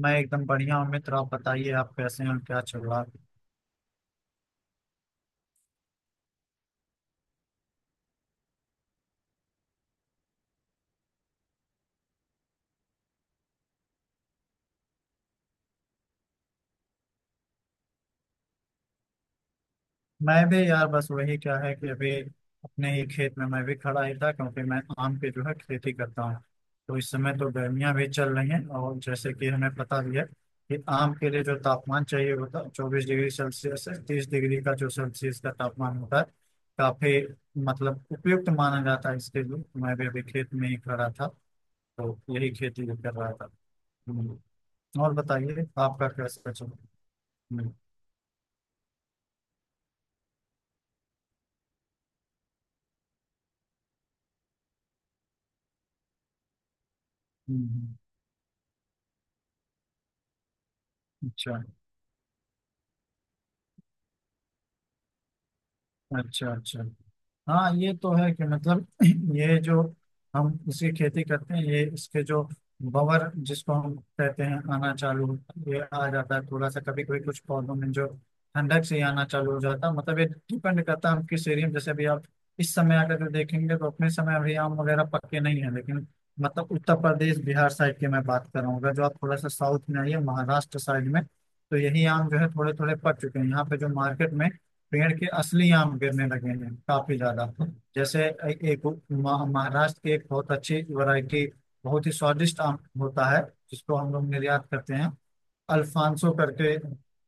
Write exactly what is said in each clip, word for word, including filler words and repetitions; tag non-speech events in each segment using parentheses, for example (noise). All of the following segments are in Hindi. मैं एकदम बढ़िया हूँ मित्र। आप बताइए, आप कैसे हैं और क्या चल रहा है? मैं भी यार बस वही क्या है कि अभी अपने ही खेत में मैं भी खड़ा ही था, क्योंकि मैं आम की जो है खेती करता हूँ। तो इस समय तो गर्मियाँ भी चल रही हैं, और जैसे कि हमें पता भी है कि आम के लिए जो तापमान चाहिए होता है चौबीस डिग्री सेल्सियस से तीस डिग्री का जो सेल्सियस का तापमान होता है, काफी मतलब उपयुक्त माना जाता है इसके लिए। मैं भी अभी खेत में ही खड़ा था तो यही खेती भी कर रहा था। हम्म। और बताइए, आपका कैसा चल रहा है? हम्म। हम्म, अच्छा अच्छा। अच्छा हाँ, ये तो है कि मतलब (clears throat) ये जो हम इसकी खेती करते हैं, ये इसके जो बवर जिसको हम कहते हैं, आना चालू ये आ जाता है थोड़ा सा। कभी कभी कुछ पौधों में जो ठंडक से ही आना चालू हो जाता है। मतलब ये डिपेंड करता है हम किस एरिया में। जैसे अभी आप इस समय अगर जो देखेंगे तो अपने समय अभी आम वगैरह पक्के नहीं है, लेकिन मतलब उत्तर प्रदेश बिहार साइड की मैं बात कर रहा हूँ। अगर जो आप थोड़ा सा साउथ में आइए, महाराष्ट्र साइड में, तो यही आम जो है थोड़े थोड़े पक चुके हैं। यहाँ पे जो मार्केट में पेड़ के असली आम गिरने लगे हैं काफी ज्यादा। जैसे ए- एक महा- महाराष्ट्र की एक बहुत अच्छी वैरायटी, बहुत ही स्वादिष्ट आम होता है, जिसको हम लोग निर्यात करते हैं, अल्फांसो करके।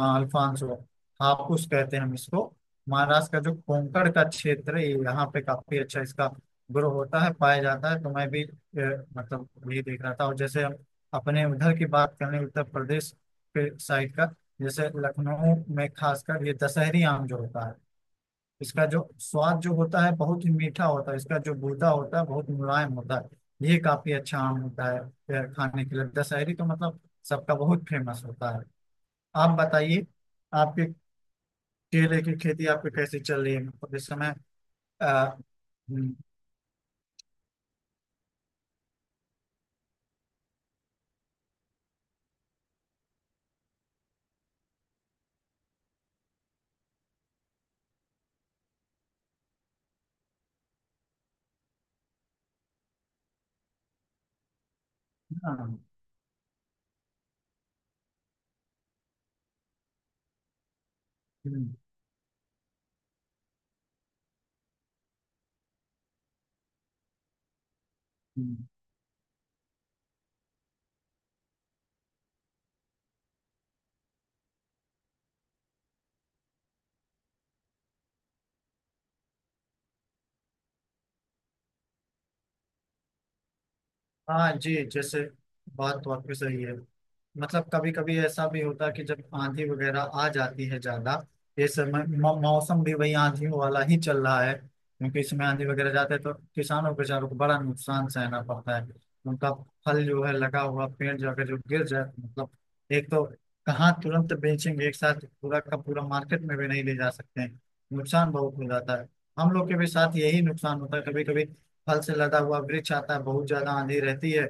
हाँ अल्फांसो, हापुस कहते हैं हम इसको। महाराष्ट्र का जो कोंकण का क्षेत्र है, यहाँ पे काफी अच्छा इसका ग्रो होता है, पाया जाता है। तो मैं भी ए, मतलब यही देख रहा था। और जैसे हम अपने उधर की बात करें, उत्तर प्रदेश के साइड का, जैसे लखनऊ में खासकर ये दशहरी आम जो होता है, इसका जो स्वाद जो होता है बहुत ही मीठा होता है। इसका जो गूदा होता है बहुत मुलायम होता है, ये काफी अच्छा आम होता है। यह खाने के लिए दशहरी तो मतलब सबका बहुत फेमस होता है। आप बताइए, आपके केले की खेती आपकी कैसी चल रही है मतलब इस समय? अ, हम्म, हाँ, हम्म, हम्म। हाँ जी, जैसे बात वाकई सही है। मतलब कभी कभी ऐसा भी होता है कि जब आंधी वगैरह आ जाती है ज्यादा। ये समय मौ- मौसम भी वही आंधियों वाला ही चल रहा है, क्योंकि इसमें आंधी वगैरह जाते हैं तो किसानों बेचारों को बड़ा नुकसान सहना पड़ता है उनका। फल जो है लगा हुआ पेड़ जो अगर जो गिर जाए मतलब, एक तो कहाँ तुरंत बेचेंगे, एक साथ पूरा का पूरा मार्केट में भी नहीं ले जा सकते हैं। नुकसान बहुत हो जाता है। हम लोग के भी साथ यही नुकसान होता है कभी कभी। फल से लदा हुआ वृक्ष आता है, बहुत ज्यादा आंधी रहती है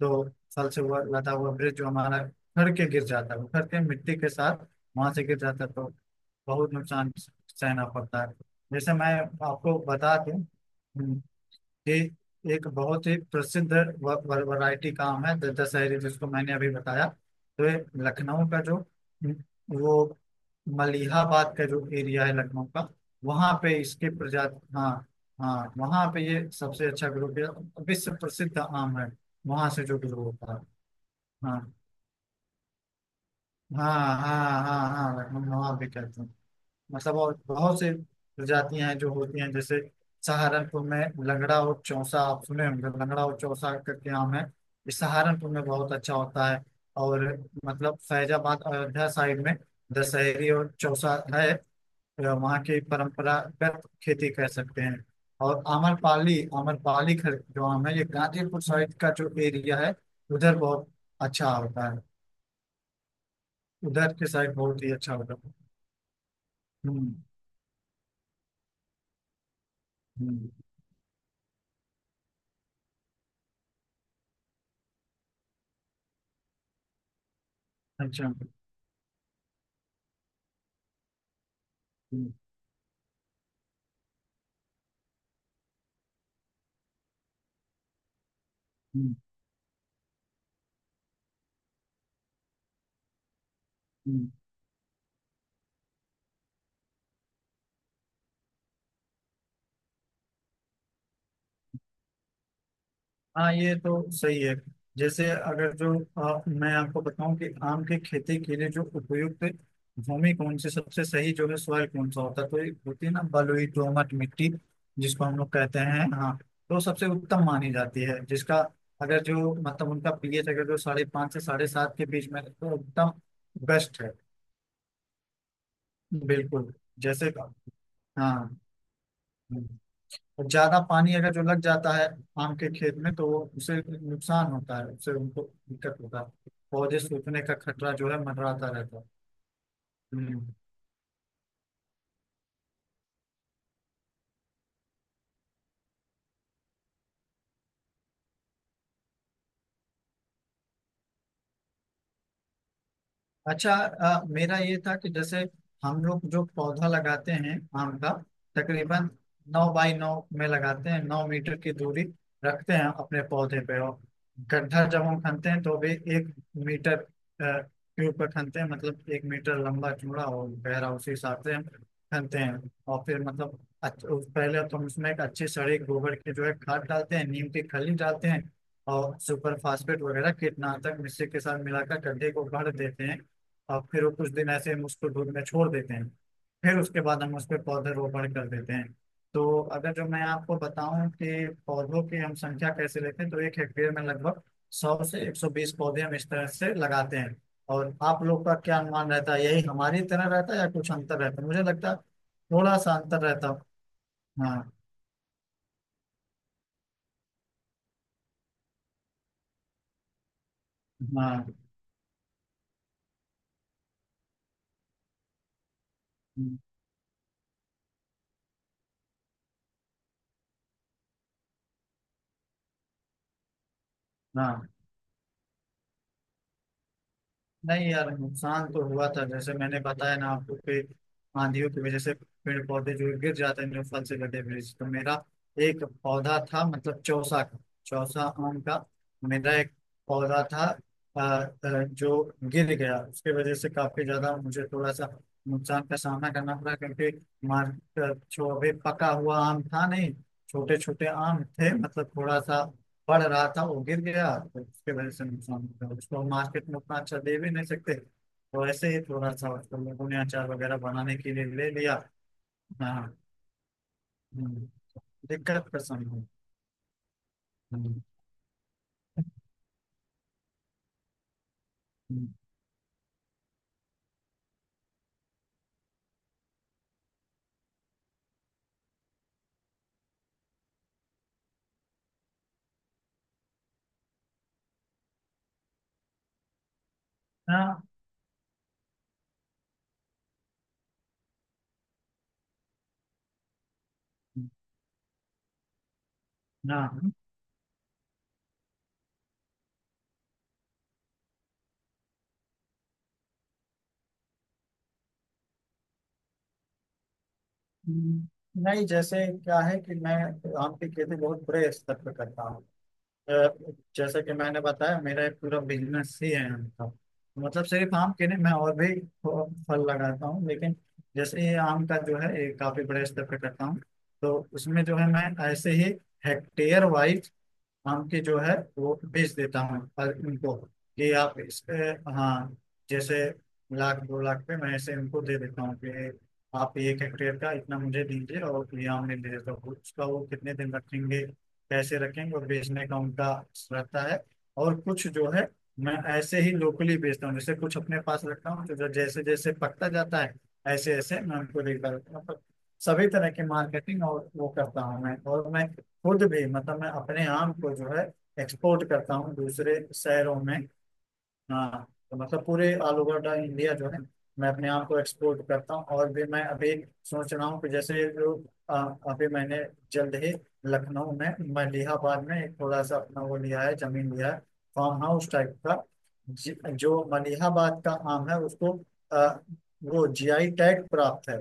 तो फल से हुआ लदा हुआ वृक्ष जो हमारा घर के गिर जाता है, घर के मिट्टी के साथ वहां से गिर जाता है, तो बहुत नुकसान सहना पड़ता है। जैसे मैं आपको बता दूं, ये एक बहुत ही प्रसिद्ध व- व- वैरायटी काम है, द- दशहरी, जिसको मैंने अभी बताया। तो ये लखनऊ का जो वो मलिहाबाद का जो एरिया है लखनऊ का, वहाँ पे इसके प्रजाति हाँ, हाँ वहाँ पे ये सबसे अच्छा ग्रो, विश्व प्रसिद्ध आम है वहाँ से जो ग्रो होता है। हाँ हाँ हाँ हाँ, हाँ लखनऊ नवाब भी कहते हैं। मतलब और बहुत से प्रजातियां हैं जो होती हैं, जैसे सहारनपुर में लंगड़ा और चौसा आप सुने होंगे। लंगड़ा और चौसा करके आम है, ये सहारनपुर में बहुत अच्छा होता है। और मतलब फैजाबाद अयोध्या साइड में दशहरी और चौसा है, अ, वहाँ की परंपरागत खेती कह सकते हैं। और आम्रपाली, आम्रपाली खर जो आम है ये गाजीपुर साइड का जो एरिया है, उधर बहुत अच्छा होता है। उधर के साइड बहुत ही अच्छा होता है। हम्म हम्म अच्छा। हम्म हम्म। हम्म, हाँ ये तो सही है। जैसे अगर जो आ, मैं आपको बताऊं कि आम की खेती के लिए जो उपयुक्त भूमि कौन सी सबसे सही जो है, सॉइल कौन सा होता है, तो एक होती है ना बलुई दोमट मिट्टी, जिसको हम लोग कहते हैं, हाँ। तो सबसे उत्तम मानी जाती है, जिसका अगर जो मतलब उनका पीएच अगर जो साढ़े पाँच से साढ़े सात के बीच में है, तो उत्तम बेस्ट है। बिल्कुल, जैसे हाँ और ज्यादा पानी अगर जो लग जाता है आम के खेत में तो वो उसे नुकसान होता है, उससे उनको दिक्कत होता है। पौधे सूखने का खतरा जो है मंडराता रहता है। हम्म। अच्छा अ, मेरा ये था कि जैसे हम लोग जो पौधा लगाते हैं आम का, तकरीबन नौ बाई नौ में लगाते हैं, नौ मीटर की दूरी रखते हैं अपने पौधे पे। और गड्ढा जब हम खनते हैं तो भी एक मीटर अ, के ऊपर खनते हैं, मतलब एक मीटर लंबा चौड़ा और गहरा उसी हिसाब से हम खनते हैं। और फिर मतलब अच्छ- उस- पहले तो हम उसमें एक अच्छी सड़ी गोबर की जो है खाद डालते हैं, नीम की खली डालते हैं, और सुपर फास्फेट वगैरह कीटनाशक मिश्री के साथ मिलाकर गड्ढे को भर देते हैं। और फिर वो कुछ दिन ऐसे हम उसको धूप में छोड़ देते हैं। फिर उसके बाद हम उस पर पौधे रोपण कर देते हैं। तो अगर जो मैं आपको बताऊं कि पौधों की हम संख्या कैसे लेते हैं, तो एक हेक्टेयर में लगभग सौ से एक सौ बीस पौधे हम इस तरह से लगाते हैं। और आप लोग का क्या अनुमान रहता है, यही हमारी तरह रहता है या कुछ अंतर रहता है? मुझे लगता है थोड़ा सा अंतर रहता है। हाँ हाँ हाँ, नहीं यार नुकसान तो हुआ था। जैसे मैंने बताया ना आपको कि आंधियों की वजह से पेड़ पौधे जो गिर जाते हैं, जो फल से लदे हुए, तो मेरा एक पौधा था मतलब चौसा का, चौसा आम का। मेरा एक पौधा था अ, अ, जो गिर गया, उसके वजह से काफी ज्यादा मुझे थोड़ा सा नुकसान का सामना करना पड़ा, क्योंकि मार्केट जो अभी पका हुआ आम था नहीं, छोटे छोटे आम थे मतलब थोड़ा सा पढ़ रहा था। वो गिर गया तो उसके वजह से नुकसान हो गया। उसको हम मार्केट में उतना अच्छा दे भी नहीं सकते, तो ऐसे ही थोड़ा सा उसको लोगों ने अचार वगैरह बनाने के लिए ले लिया। हाँ, हम्म, दिक्कत का समय है। हम्म, हम्म, हाँ हाँ, हम्म, नहीं जैसे क्या है कि मैं आम की खेती बहुत बड़े स्तर पर करता हूँ। अ, जैसा कि मैंने बताया, मेरा एक पूरा बिजनेस ही है आम का। मतलब सिर्फ आम के नहीं, मैं और भी फ- फल लगाता हूँ, लेकिन जैसे ये आम का जो है ये काफी बड़े स्तर पे करता हूँ। तो उसमें जो है मैं ऐसे ही हेक्टेयर वाइज हम के जो है वो भेज देता हूँ पर उनको कि आप इस पे, हाँ जैसे लाख दो लाख पे मैं ऐसे उनको दे देता हूँ कि आप एक हेक्टेयर का इतना मुझे दीजिए और ये आमने दे देता हूँ, उसका वो कितने दिन रखेंगे, कैसे रखेंगे और बेचने का उनका रहता है। और कुछ जो है मैं ऐसे ही लोकली बेचता हूँ। जैसे कुछ अपने पास रखता हूँ तो जैसे जैसे पकता जाता है, ऐसे ऐसे मैं उनको देखता रहता हूँ। तो सभी तरह की मार्केटिंग और वो करता हूँ मैं। और मैं खुद भी मतलब मैं अपने आम को जो है एक्सपोर्ट करता हूँ दूसरे शहरों में। हाँ, तो मतलब पूरे ऑल ओवर द इंडिया जो है मैं अपने आप को एक्सपोर्ट करता हूँ। और भी मैं अभी सोच रहा हूँ कि जैसे जो अ, अभी मैंने जल्द ही लखनऊ में मलिहाबाद में एक थोड़ा सा अपना वो लिया है, जमीन लिया है, फार्म हाउस टाइप का। जि- जो मलिहाबाद का आम है उसको अ, वो जीआई टैग प्राप्त है।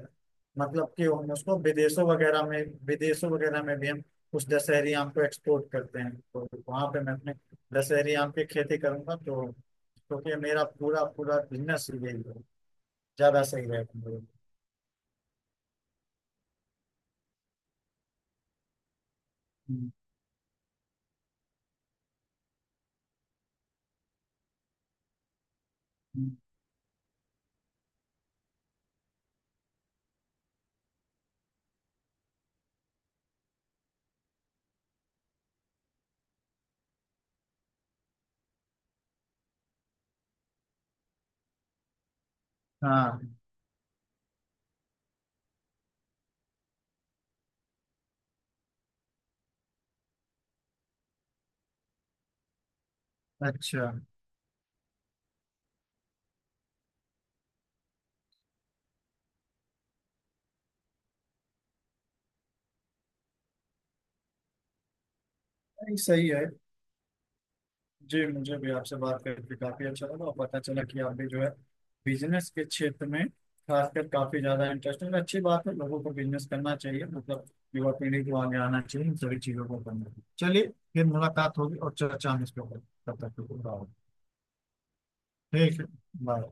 मतलब कि हम उसको विदेशों वगैरह में, विदेशों वगैरह में भी हम उस दशहरी आम को एक्सपोर्ट करते हैं। तो वहां पे मैं अपने दशहरी आम की खेती करूंगा, तो क्योंकि मेरा पूरा पूरा बिजनेस ही यही है, ज्यादा सही रहेगा मेरे लिए। हाँ अच्छा नहीं, सही है जी। मुझे भी आपसे बात करके काफी अच्छा लगा, और पता चला कि आप भी जो है बिजनेस के क्षेत्र में, खासकर काफी ज्यादा इंटरेस्ट है। अच्छी बात है, लोगों को बिजनेस करना चाहिए, मतलब युवा पीढ़ी को आगे आना चाहिए, इन सभी चीजों को करना चाहिए। चलिए फिर मुलाकात होगी और चर्चा हम इसके ऊपर, तब तक के लिए बाय। ठीक है, बाय।